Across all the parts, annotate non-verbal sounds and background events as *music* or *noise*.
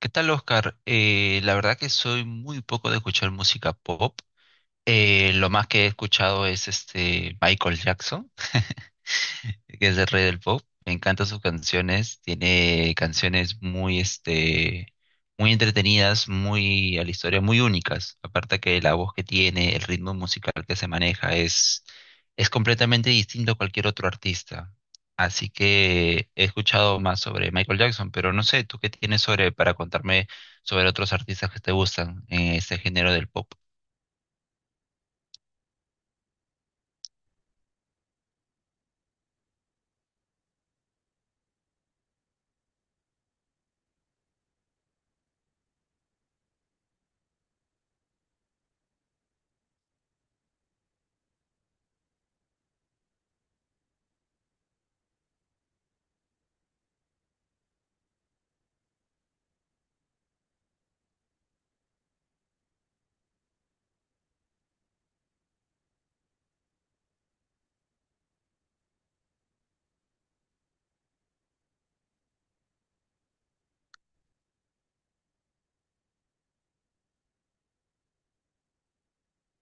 ¿Qué tal, Oscar? La verdad que soy muy poco de escuchar música pop. Lo más que he escuchado es este Michael Jackson. *laughs* Que es el rey del pop. Me encantan sus canciones. Tiene canciones muy entretenidas, muy a la historia, muy únicas. Aparte que la voz que tiene, el ritmo musical que se maneja es completamente distinto a cualquier otro artista. Así que he escuchado más sobre Michael Jackson, pero no sé, ¿tú qué tienes sobre para contarme sobre otros artistas que te gustan en este género del pop?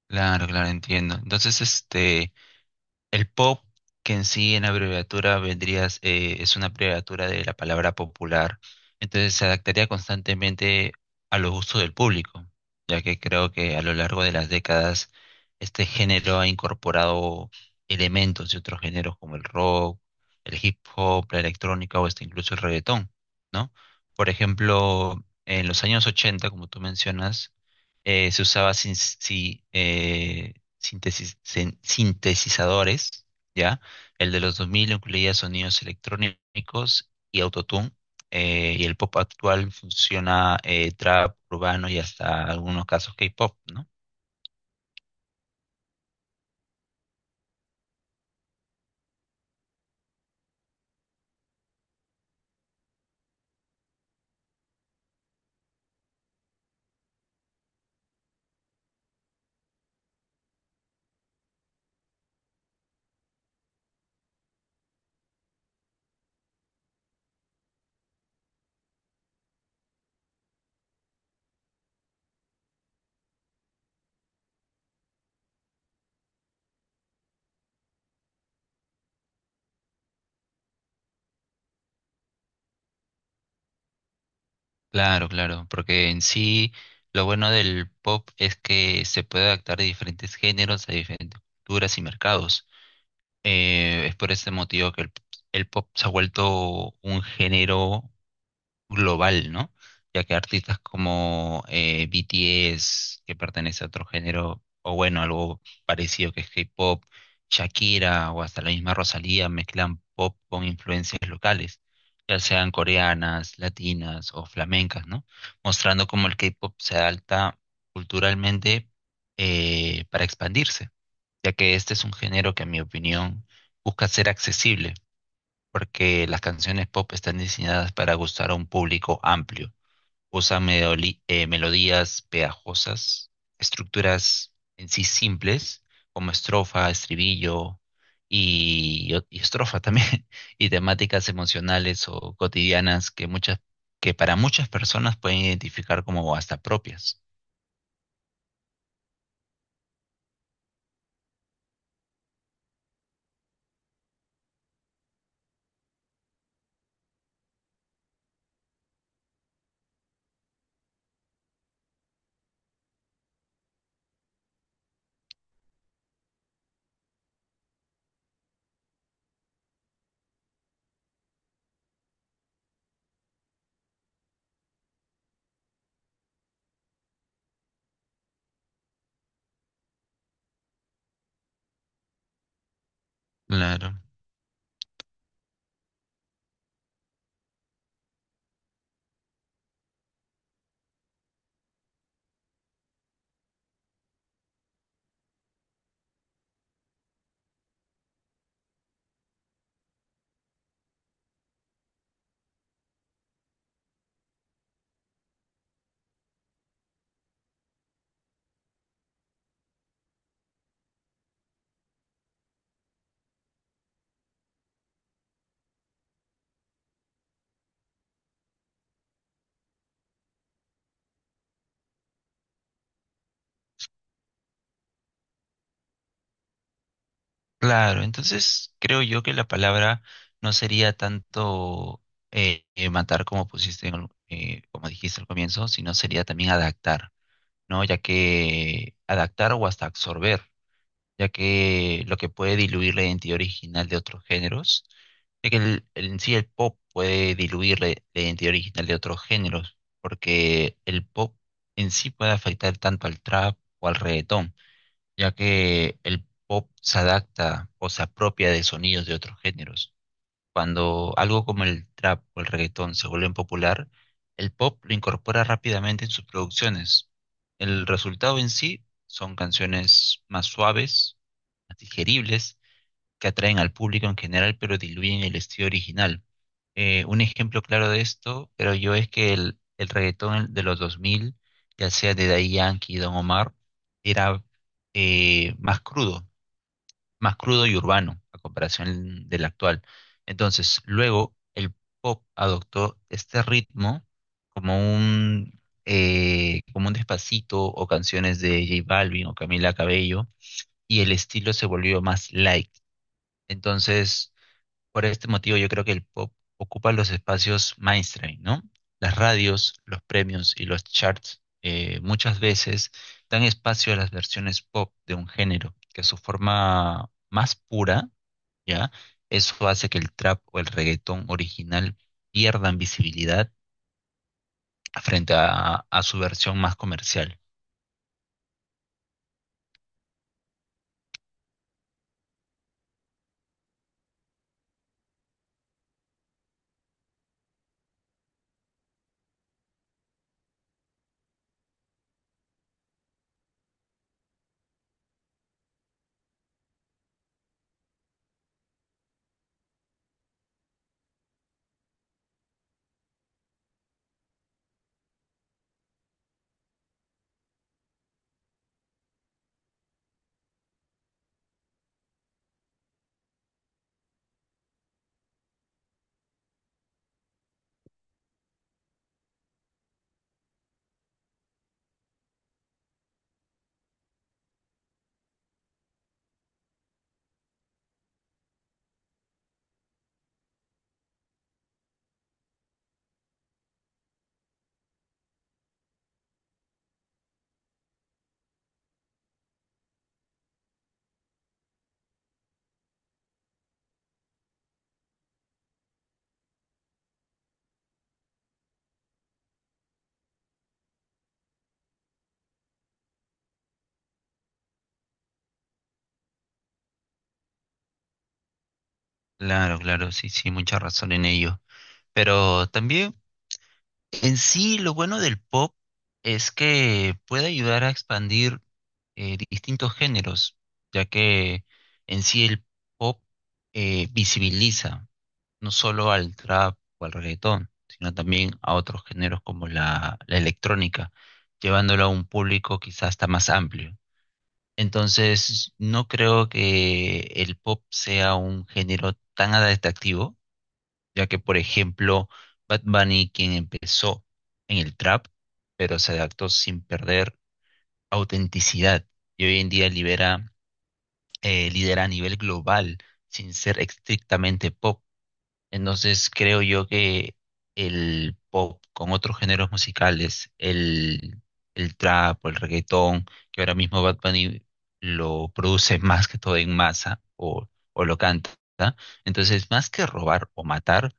Claro, claro, entiendo. Entonces, el pop, que en sí en abreviatura vendrías, es una abreviatura de la palabra popular, entonces se adaptaría constantemente a los gustos del público, ya que creo que a lo largo de las décadas este género ha incorporado elementos de otros géneros como el rock, el hip hop, la electrónica o hasta incluso el reggaetón, ¿no? Por ejemplo, en los años 80, como tú mencionas, se usaba sin, sí, síntesis- sin- sintetizadores, ¿ya? El de los 2000 incluía sonidos electrónicos y autotune, y el pop actual funciona trap, urbano y hasta algunos casos K-pop, ¿no? Claro, claro, porque en sí lo bueno del pop es que se puede adaptar a diferentes géneros, a diferentes culturas y mercados. Es por este motivo que el pop se ha vuelto un género global, ¿no? Ya que artistas como BTS, que pertenece a otro género, o bueno, algo parecido que es K-pop, Shakira o hasta la misma Rosalía mezclan pop con influencias locales, ya sean coreanas, latinas o flamencas, ¿no? Mostrando cómo el K-pop se adapta culturalmente para expandirse, ya que este es un género que, en mi opinión, busca ser accesible porque las canciones pop están diseñadas para gustar a un público amplio. Usan melodías pegajosas, estructuras en sí simples, como estrofa, estribillo y estrofa también, *laughs* y temáticas emocionales o cotidianas que para muchas personas pueden identificar como hasta propias. Claro. Claro, entonces creo yo que la palabra no sería tanto matar como pusiste, como dijiste al comienzo, sino sería también adaptar, ¿no? Ya que adaptar o hasta absorber, ya que lo que puede diluir la identidad original de otros géneros, ya que en sí el pop puede diluir la identidad original de otros géneros, porque el pop en sí puede afectar tanto al trap o al reggaetón ya que el pop se adapta o se apropia de sonidos de otros géneros. Cuando algo como el trap o el reggaetón se vuelven popular, el pop lo incorpora rápidamente en sus producciones. El resultado en sí son canciones más suaves, más digeribles que atraen al público en general, pero diluyen el estilo original. Un ejemplo claro de esto, creo yo es que el reggaetón de los 2000, ya sea de Daddy Yankee y Don Omar, era eh, más crudo, más crudo y urbano a comparación del actual. Entonces, luego el pop adoptó este ritmo como un, como un despacito o canciones de J Balvin o Camila Cabello y el estilo se volvió más light. Entonces, por este motivo yo creo que el pop ocupa los espacios mainstream, ¿no? Las radios, los premios y los charts muchas veces dan espacio a las versiones pop de un género, que su forma más pura, ¿ya? Eso hace que el trap o el reggaetón original pierdan visibilidad frente a su versión más comercial. Claro, claro, sí, sí, mucha razón en ello. Pero también en sí, lo bueno del pop es que puede ayudar a expandir distintos géneros, ya que en sí el pop visibiliza no solo al trap o al reggaetón, sino también a otros géneros como la electrónica, llevándolo a un público quizás hasta más amplio. Entonces, no creo que el pop sea un género tan atractivo ya que por ejemplo, Bad Bunny, quien empezó en el trap, pero se adaptó sin perder autenticidad y hoy en día lidera a nivel global sin ser estrictamente pop. Entonces creo yo que el pop con otros géneros musicales, el trap o el reggaetón, que ahora mismo Bad Bunny lo produce más que todo en masa o lo canta, entonces más que robar o matar,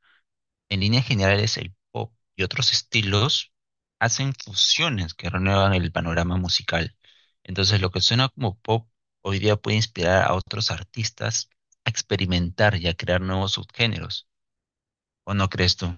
en líneas generales, el pop y otros estilos hacen fusiones que renuevan el panorama musical. Entonces, lo que suena como pop hoy día puede inspirar a otros artistas a experimentar y a crear nuevos subgéneros. ¿O no crees tú?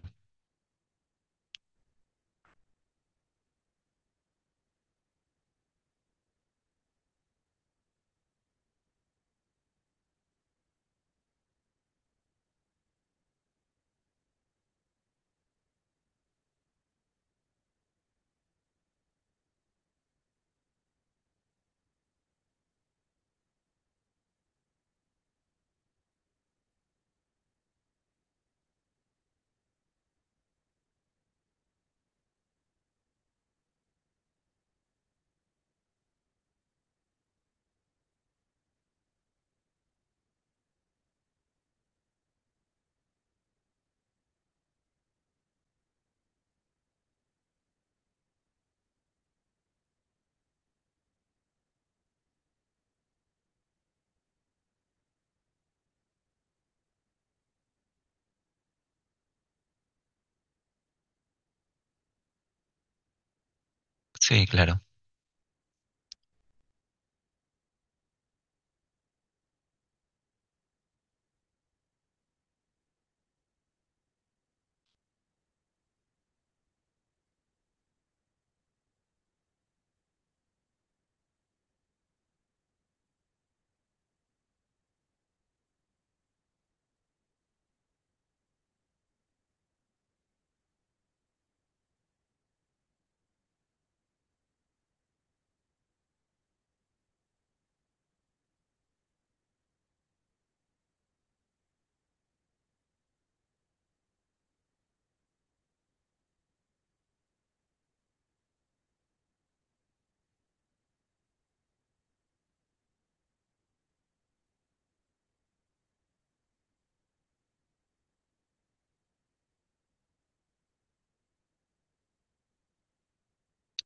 Sí, claro.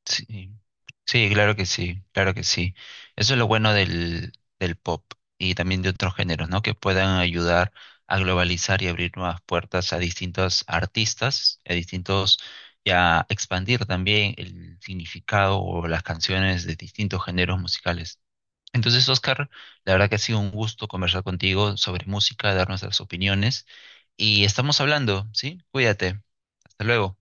Sí, sí, claro que sí, claro que sí. Eso es lo bueno del pop y también de otros géneros, ¿no? Que puedan ayudar a globalizar y abrir nuevas puertas a distintos artistas, y a expandir también el significado o las canciones de distintos géneros musicales. Entonces, Oscar, la verdad que ha sido un gusto conversar contigo sobre música, dar nuestras opiniones y estamos hablando, ¿sí? Cuídate. Hasta luego.